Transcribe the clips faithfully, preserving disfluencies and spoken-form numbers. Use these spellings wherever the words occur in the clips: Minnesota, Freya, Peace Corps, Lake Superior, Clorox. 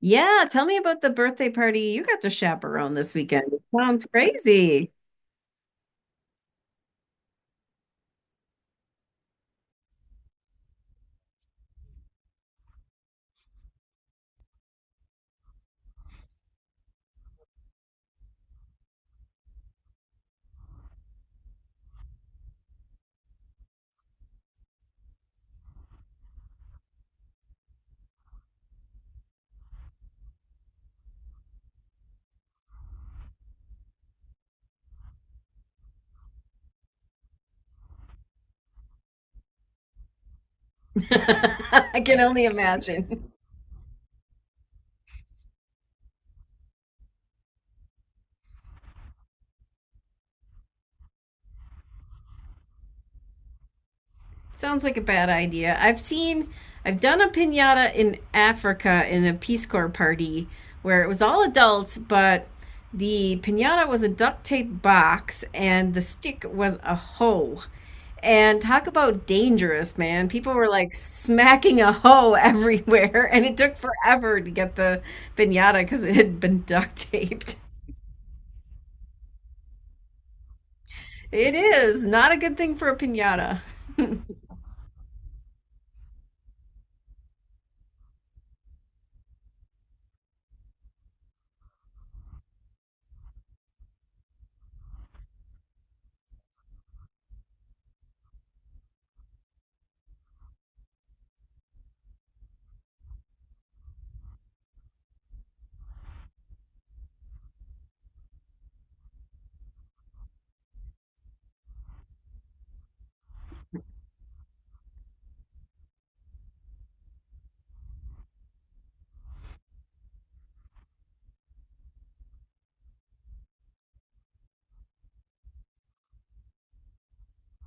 Yeah, tell me about the birthday party you got to chaperone this weekend. It sounds crazy. I can only imagine. Sounds like a bad idea. I've seen, I've done a pinata in Africa in a Peace Corps party where it was all adults, but the pinata was a duct tape box and the stick was a hoe. And talk about dangerous, man. People were like smacking a hoe everywhere, and it took forever to get the pinata because it had been duct taped. It is not a good thing for a pinata.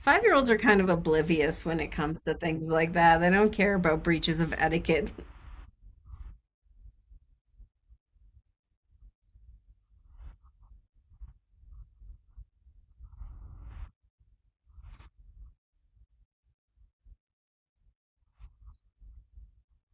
Five year olds are kind of oblivious when it comes to things like that. They don't care about breaches of etiquette.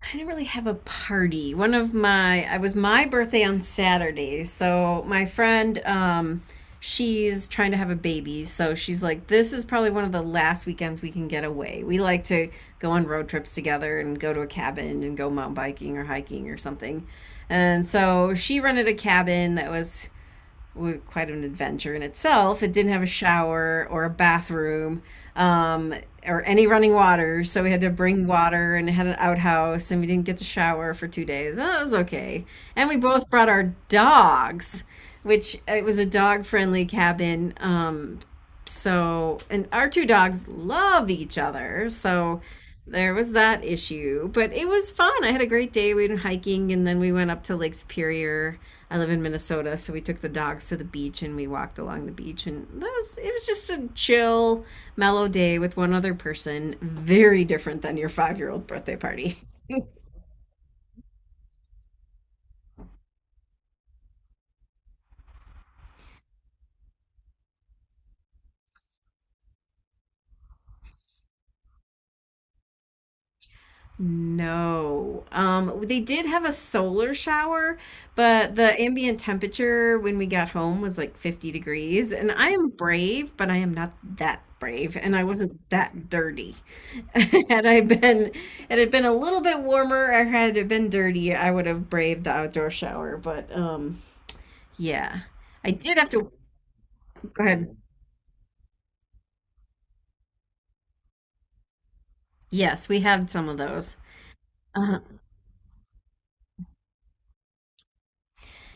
I didn't really have a party. One of my, I was my birthday on Saturday. So my friend, um, she's trying to have a baby. So she's like, this is probably one of the last weekends we can get away. We like to go on road trips together and go to a cabin and go mountain biking or hiking or something. And so she rented a cabin that was was quite an adventure in itself. It didn't have a shower or a bathroom, um, or any running water, so we had to bring water, and it had an outhouse, and we didn't get to shower for two days. Well, that was okay. And we both brought our dogs, which it was a dog friendly cabin. Um, so and our two dogs love each other, so there was that issue, but it was fun. I had a great day. We went hiking and then we went up to Lake Superior. I live in Minnesota, so we took the dogs to the beach and we walked along the beach, and that was it was just a chill, mellow day with one other person. Very different than your five year old birthday party. No. Um, they did have a solar shower, but the ambient temperature when we got home was like fifty degrees. And I am brave, but I am not that brave, and I wasn't that dirty. Had I been, had it been a little bit warmer, or had it been dirty, I would have braved the outdoor shower. But um, yeah, I did have to go ahead. Yes, we had some of those. Uh-huh.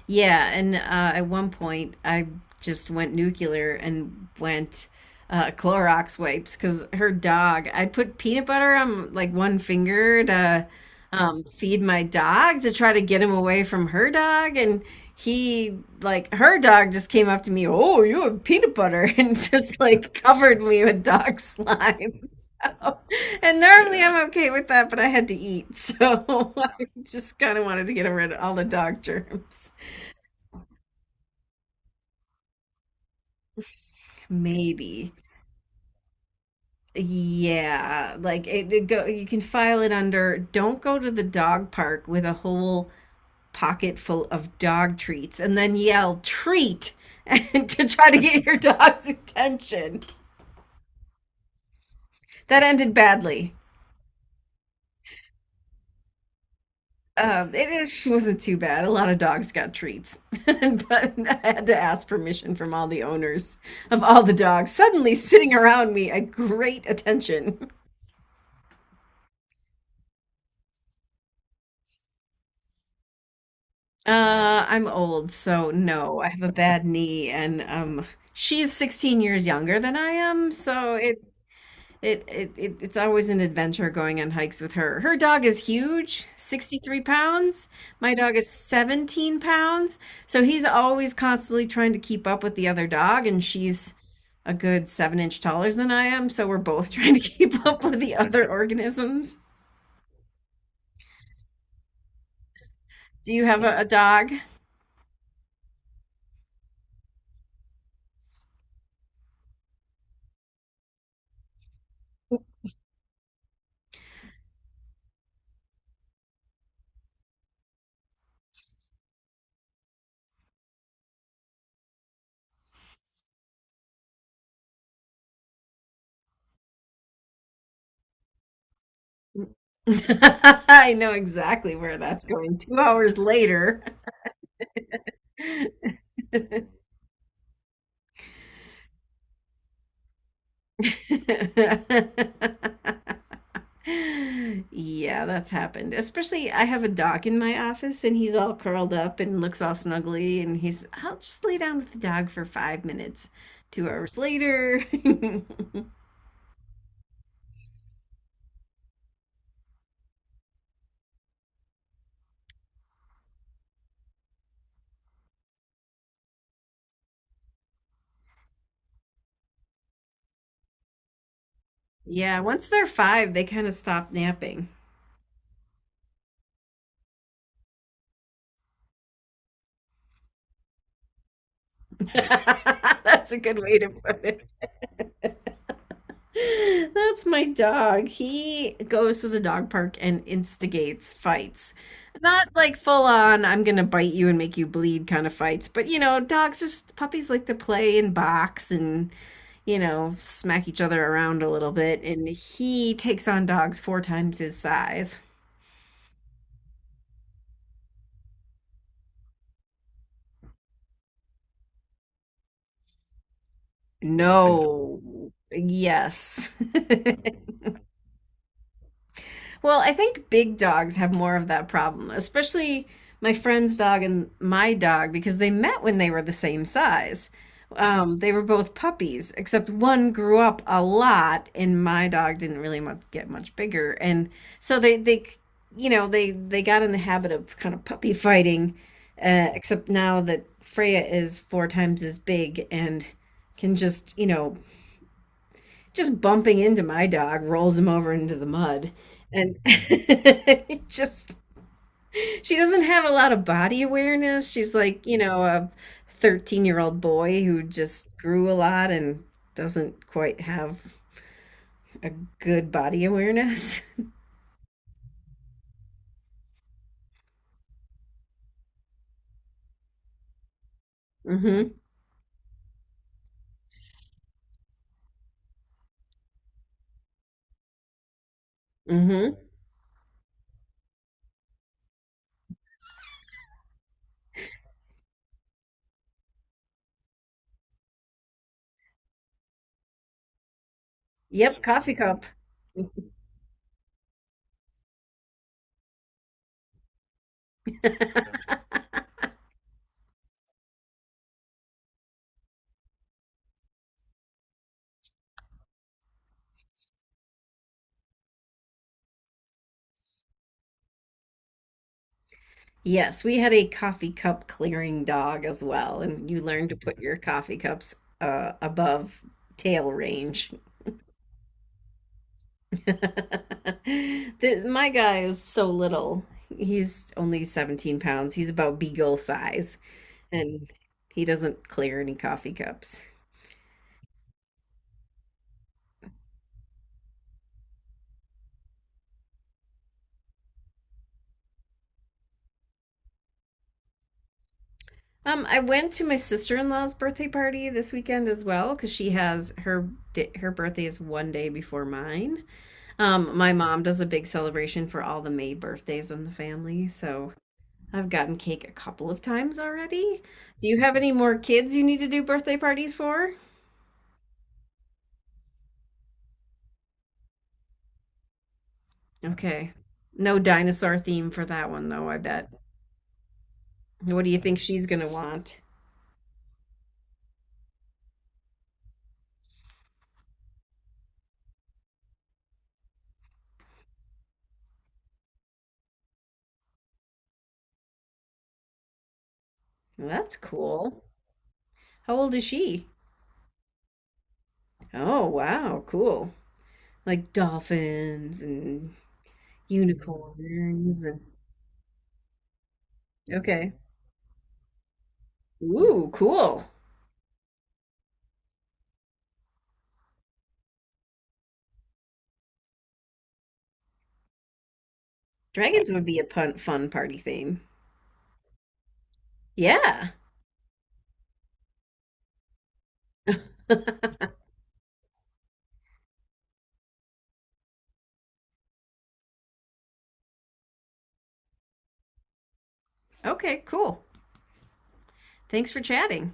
Yeah, and uh, at one point I just went nuclear and went, uh, Clorox wipes because her dog. I put peanut butter on like one finger to, um, feed my dog to try to get him away from her dog, and he like her dog just came up to me. Oh, you have peanut butter, and just like covered me with dog slime. So, and normally, yeah, I'm okay with that, but I had to eat, so I just kind of wanted to get rid of all the dog germs. Maybe. Yeah, like it, it go you can file it under don't go to the dog park with a whole pocket full of dog treats and then yell treat to try to get your dog's attention. That ended badly. Um, it is, she wasn't too bad. A lot of dogs got treats, but I had to ask permission from all the owners of all the dogs, suddenly sitting around me at great attention. Uh, I'm old, so no, I have a bad knee, and um, she's sixteen years younger than I am, so it it it, it it's always an adventure going on hikes with her. Her dog is huge, sixty-three pounds. My dog is seventeen pounds, so he's always constantly trying to keep up with the other dog, and she's a good seven inch taller than I am, so we're both trying to keep up with the other organisms. Do you have a, a dog? I know exactly where that's going. Two hours later. Yeah, that's happened. Especially, I have a dog in my office and he's all curled up and looks all snuggly. And he's, I'll just lay down with the dog for five minutes. Two hours later. Yeah, once they're five, they kind of stop napping. That's a good way to put it. That's my dog. He goes to the dog park and instigates fights. Not like full on, I'm gonna bite you and make you bleed kind of fights, but you know, dogs, just puppies, like to play and box and, you know, smack each other around a little bit. And he takes on dogs four times his size. No. Yes. Well, I think big dogs have more of that problem, especially my friend's dog and my dog, because they met when they were the same size. Um, they were both puppies, except one grew up a lot, and my dog didn't really much, get much bigger. And so they, they, you know, they they got in the habit of kind of puppy fighting, uh, except now that Freya is four times as big and can just, you know, just bumping into my dog rolls him over into the mud. And it just, she doesn't have a lot of body awareness. She's like, you know, a thirteen year old boy who just grew a lot and doesn't quite have a good body awareness. hmm hmm Yep, coffee cup. Yes, we had a coffee cup clearing dog as well, and you learn to put your coffee cups, uh, above tail range. The- my guy is so little. He's only seventeen pounds. He's about beagle size, and he doesn't clear any coffee cups. Um, I went to my sister-in-law's birthday party this weekend as well because she has her di- her birthday is one day before mine. Um, my mom does a big celebration for all the May birthdays in the family, so I've gotten cake a couple of times already. Do you have any more kids you need to do birthday parties for? Okay. No dinosaur theme for that one, though, I bet. What do you think she's gonna want? That's cool. How old is she? Oh, wow, cool. Like dolphins and unicorns and okay. Ooh, cool. Dragons would be a pun fun party theme. Yeah. Okay, cool. Thanks for chatting.